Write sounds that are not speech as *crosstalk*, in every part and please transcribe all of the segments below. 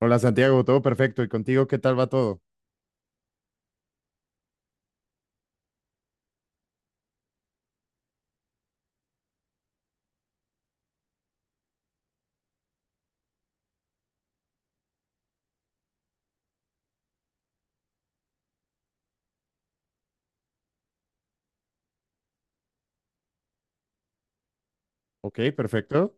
Hola Santiago, todo perfecto. ¿Y contigo qué tal va todo? Ok, perfecto.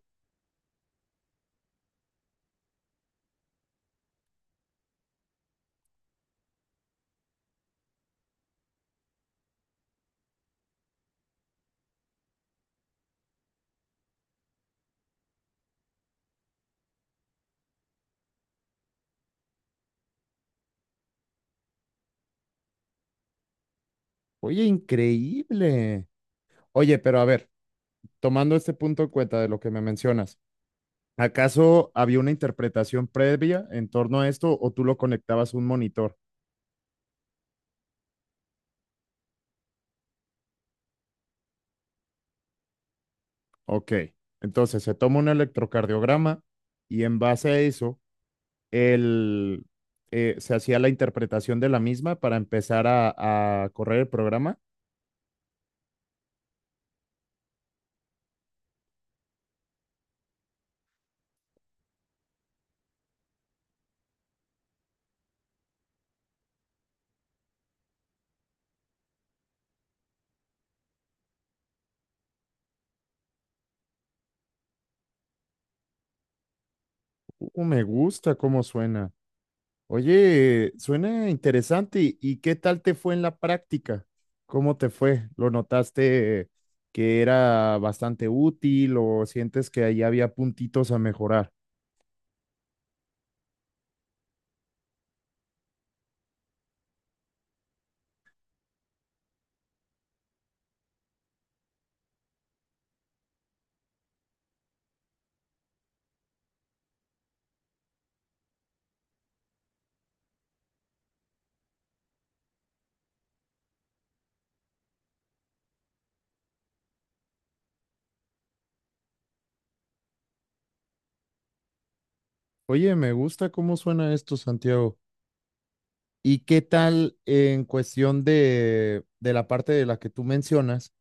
Oye, increíble. Oye, pero a ver, tomando este punto en cuenta de lo que me mencionas, ¿acaso había una interpretación previa en torno a esto o tú lo conectabas a un monitor? Ok, entonces se toma un electrocardiograma y en base a eso, el, se hacía la interpretación de la misma para empezar a correr el programa. Me gusta cómo suena. Oye, suena interesante. ¿Y qué tal te fue en la práctica? ¿Cómo te fue? ¿Lo notaste que era bastante útil o sientes que ahí había puntitos a mejorar? Oye, me gusta cómo suena esto, Santiago. ¿Y qué tal en cuestión de la parte de la que tú mencionas?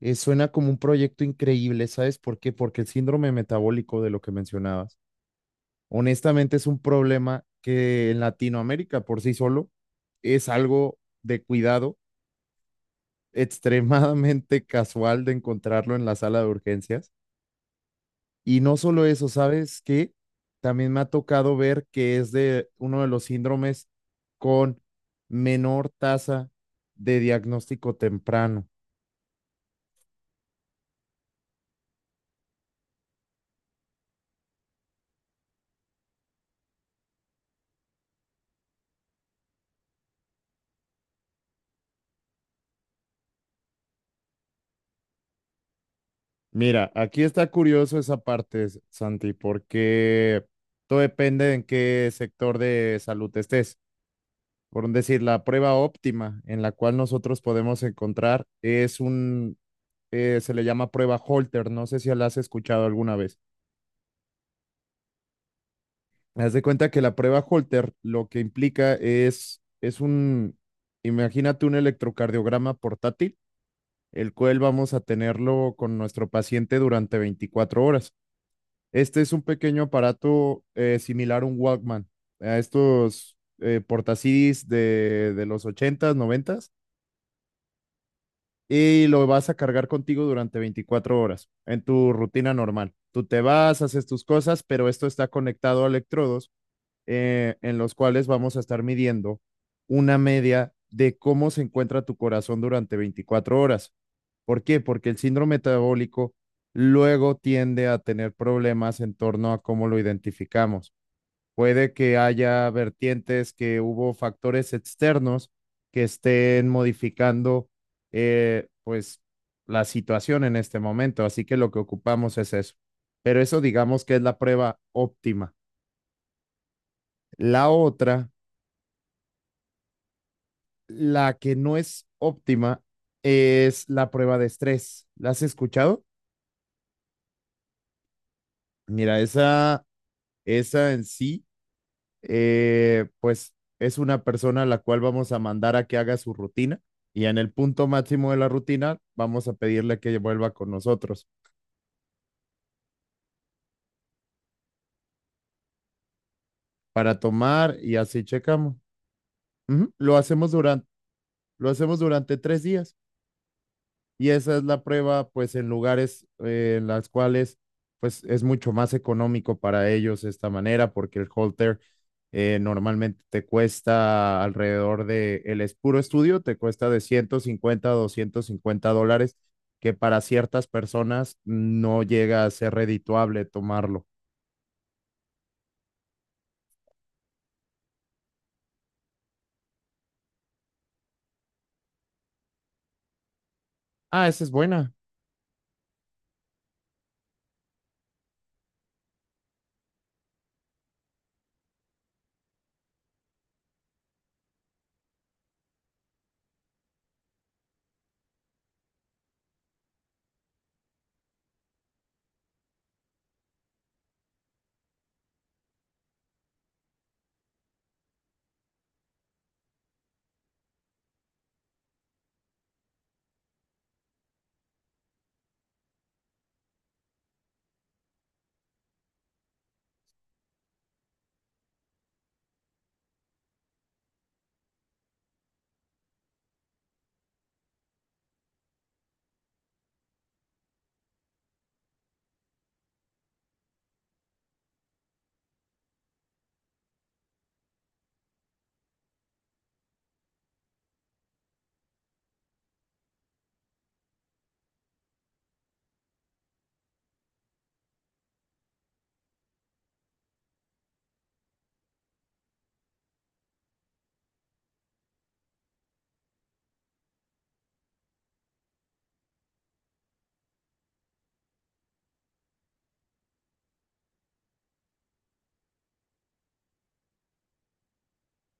Suena como un proyecto increíble, ¿sabes por qué? Porque el síndrome metabólico de lo que mencionabas honestamente es un problema que en Latinoamérica por sí solo es algo de cuidado, *laughs* extremadamente casual de encontrarlo en la sala de urgencias. Y no solo eso, ¿sabes qué? También me ha tocado ver que es de uno de los síndromes con menor tasa de diagnóstico temprano. Mira, aquí está curioso esa parte, Santi, porque todo depende de en qué sector de salud estés. Por decir, la prueba óptima en la cual nosotros podemos encontrar es un, se le llama prueba Holter, no sé si la has escuchado alguna vez. Haz de cuenta que la prueba Holter lo que implica es un, imagínate un electrocardiograma portátil, el cual vamos a tenerlo con nuestro paciente durante 24 horas. Este es un pequeño aparato similar a un Walkman, a estos portacidis de los ochentas noventas, y lo vas a cargar contigo durante 24 horas en tu rutina normal. Tú te vas, haces tus cosas, pero esto está conectado a electrodos, en los cuales vamos a estar midiendo una media de cómo se encuentra tu corazón durante 24 horas. ¿Por qué? Porque el síndrome metabólico luego tiende a tener problemas en torno a cómo lo identificamos. Puede que haya vertientes que hubo factores externos que estén modificando pues la situación en este momento. Así que lo que ocupamos es eso. Pero eso digamos que es la prueba óptima. La otra, la que no es óptima, es la prueba de estrés. ¿La has escuchado? Mira, esa en sí pues es una persona a la cual vamos a mandar a que haga su rutina, y en el punto máximo de la rutina vamos a pedirle que vuelva con nosotros para tomar y así checamos. Ujú. Lo hacemos durante 3 días. Y esa es la prueba, pues, en lugares en las cuales, pues, es mucho más económico para ellos esta manera, porque el halter normalmente te cuesta alrededor el es puro estudio, te cuesta de $150 a $250, que para ciertas personas no llega a ser redituable tomarlo. Ah, esa es buena.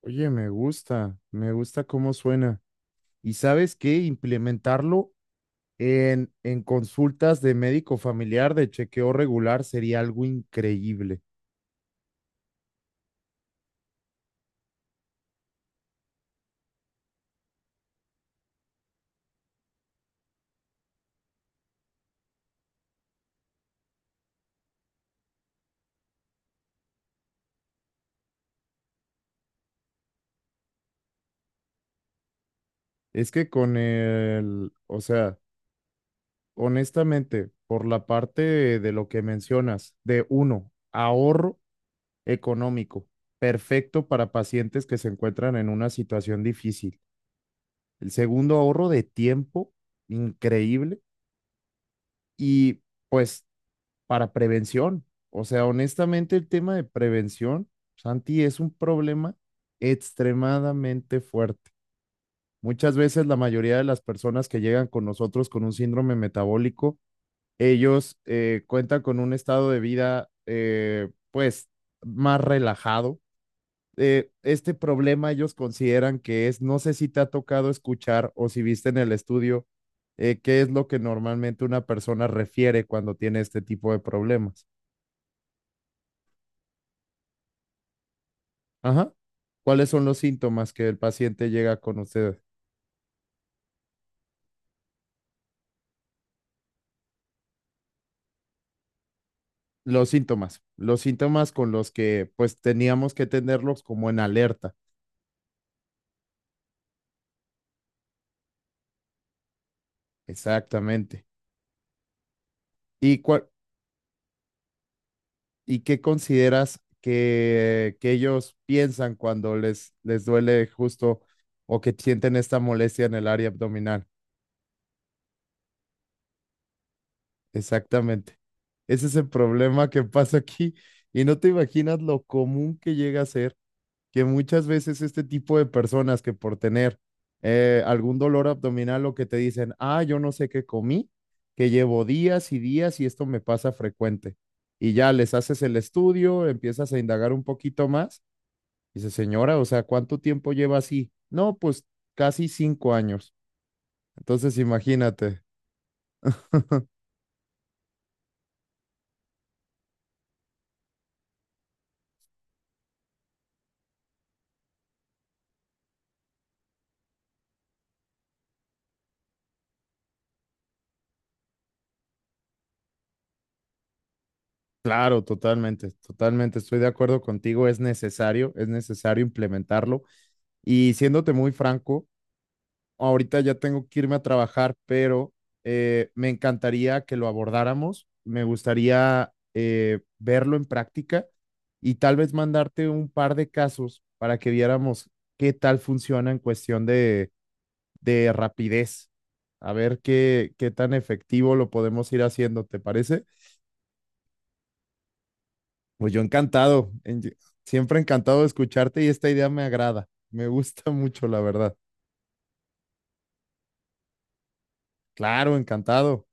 Oye, me gusta cómo suena. ¿Y sabes qué? Implementarlo en consultas de médico familiar de chequeo regular sería algo increíble. Es que con el, o sea, honestamente, por la parte de lo que mencionas, de uno, ahorro económico, perfecto para pacientes que se encuentran en una situación difícil. El segundo, ahorro de tiempo, increíble. Y pues para prevención. O sea, honestamente, el tema de prevención, Santi, es un problema extremadamente fuerte. Muchas veces la mayoría de las personas que llegan con nosotros con un síndrome metabólico, ellos cuentan con un estado de vida, pues, más relajado. Este problema ellos consideran que es, no sé si te ha tocado escuchar o si viste en el estudio, qué es lo que normalmente una persona refiere cuando tiene este tipo de problemas. Ajá. ¿Cuáles son los síntomas que el paciente llega con ustedes? Los síntomas con los que pues teníamos que tenerlos como en alerta. Exactamente. ¿Y cuál, y qué consideras que ellos piensan cuando les duele justo o que sienten esta molestia en el área abdominal? Exactamente. Ese es el problema que pasa aquí, y no te imaginas lo común que llega a ser, que muchas veces este tipo de personas que por tener algún dolor abdominal lo que te dicen, ah, yo no sé qué comí, que llevo días y días y esto me pasa frecuente. Y ya les haces el estudio, empiezas a indagar un poquito más. Dice, señora, o sea, ¿cuánto tiempo lleva así? No, pues casi 5 años. Entonces, imagínate. Claro, totalmente, totalmente. Estoy de acuerdo contigo. Es necesario implementarlo. Y siéndote muy franco, ahorita ya tengo que irme a trabajar, pero me encantaría que lo abordáramos. Me gustaría verlo en práctica y tal vez mandarte un par de casos para que viéramos qué tal funciona en cuestión de rapidez. A ver qué, qué tan efectivo lo podemos ir haciendo, ¿te parece? Pues yo encantado, siempre encantado de escucharte y esta idea me agrada, me gusta mucho, la verdad. Claro, encantado.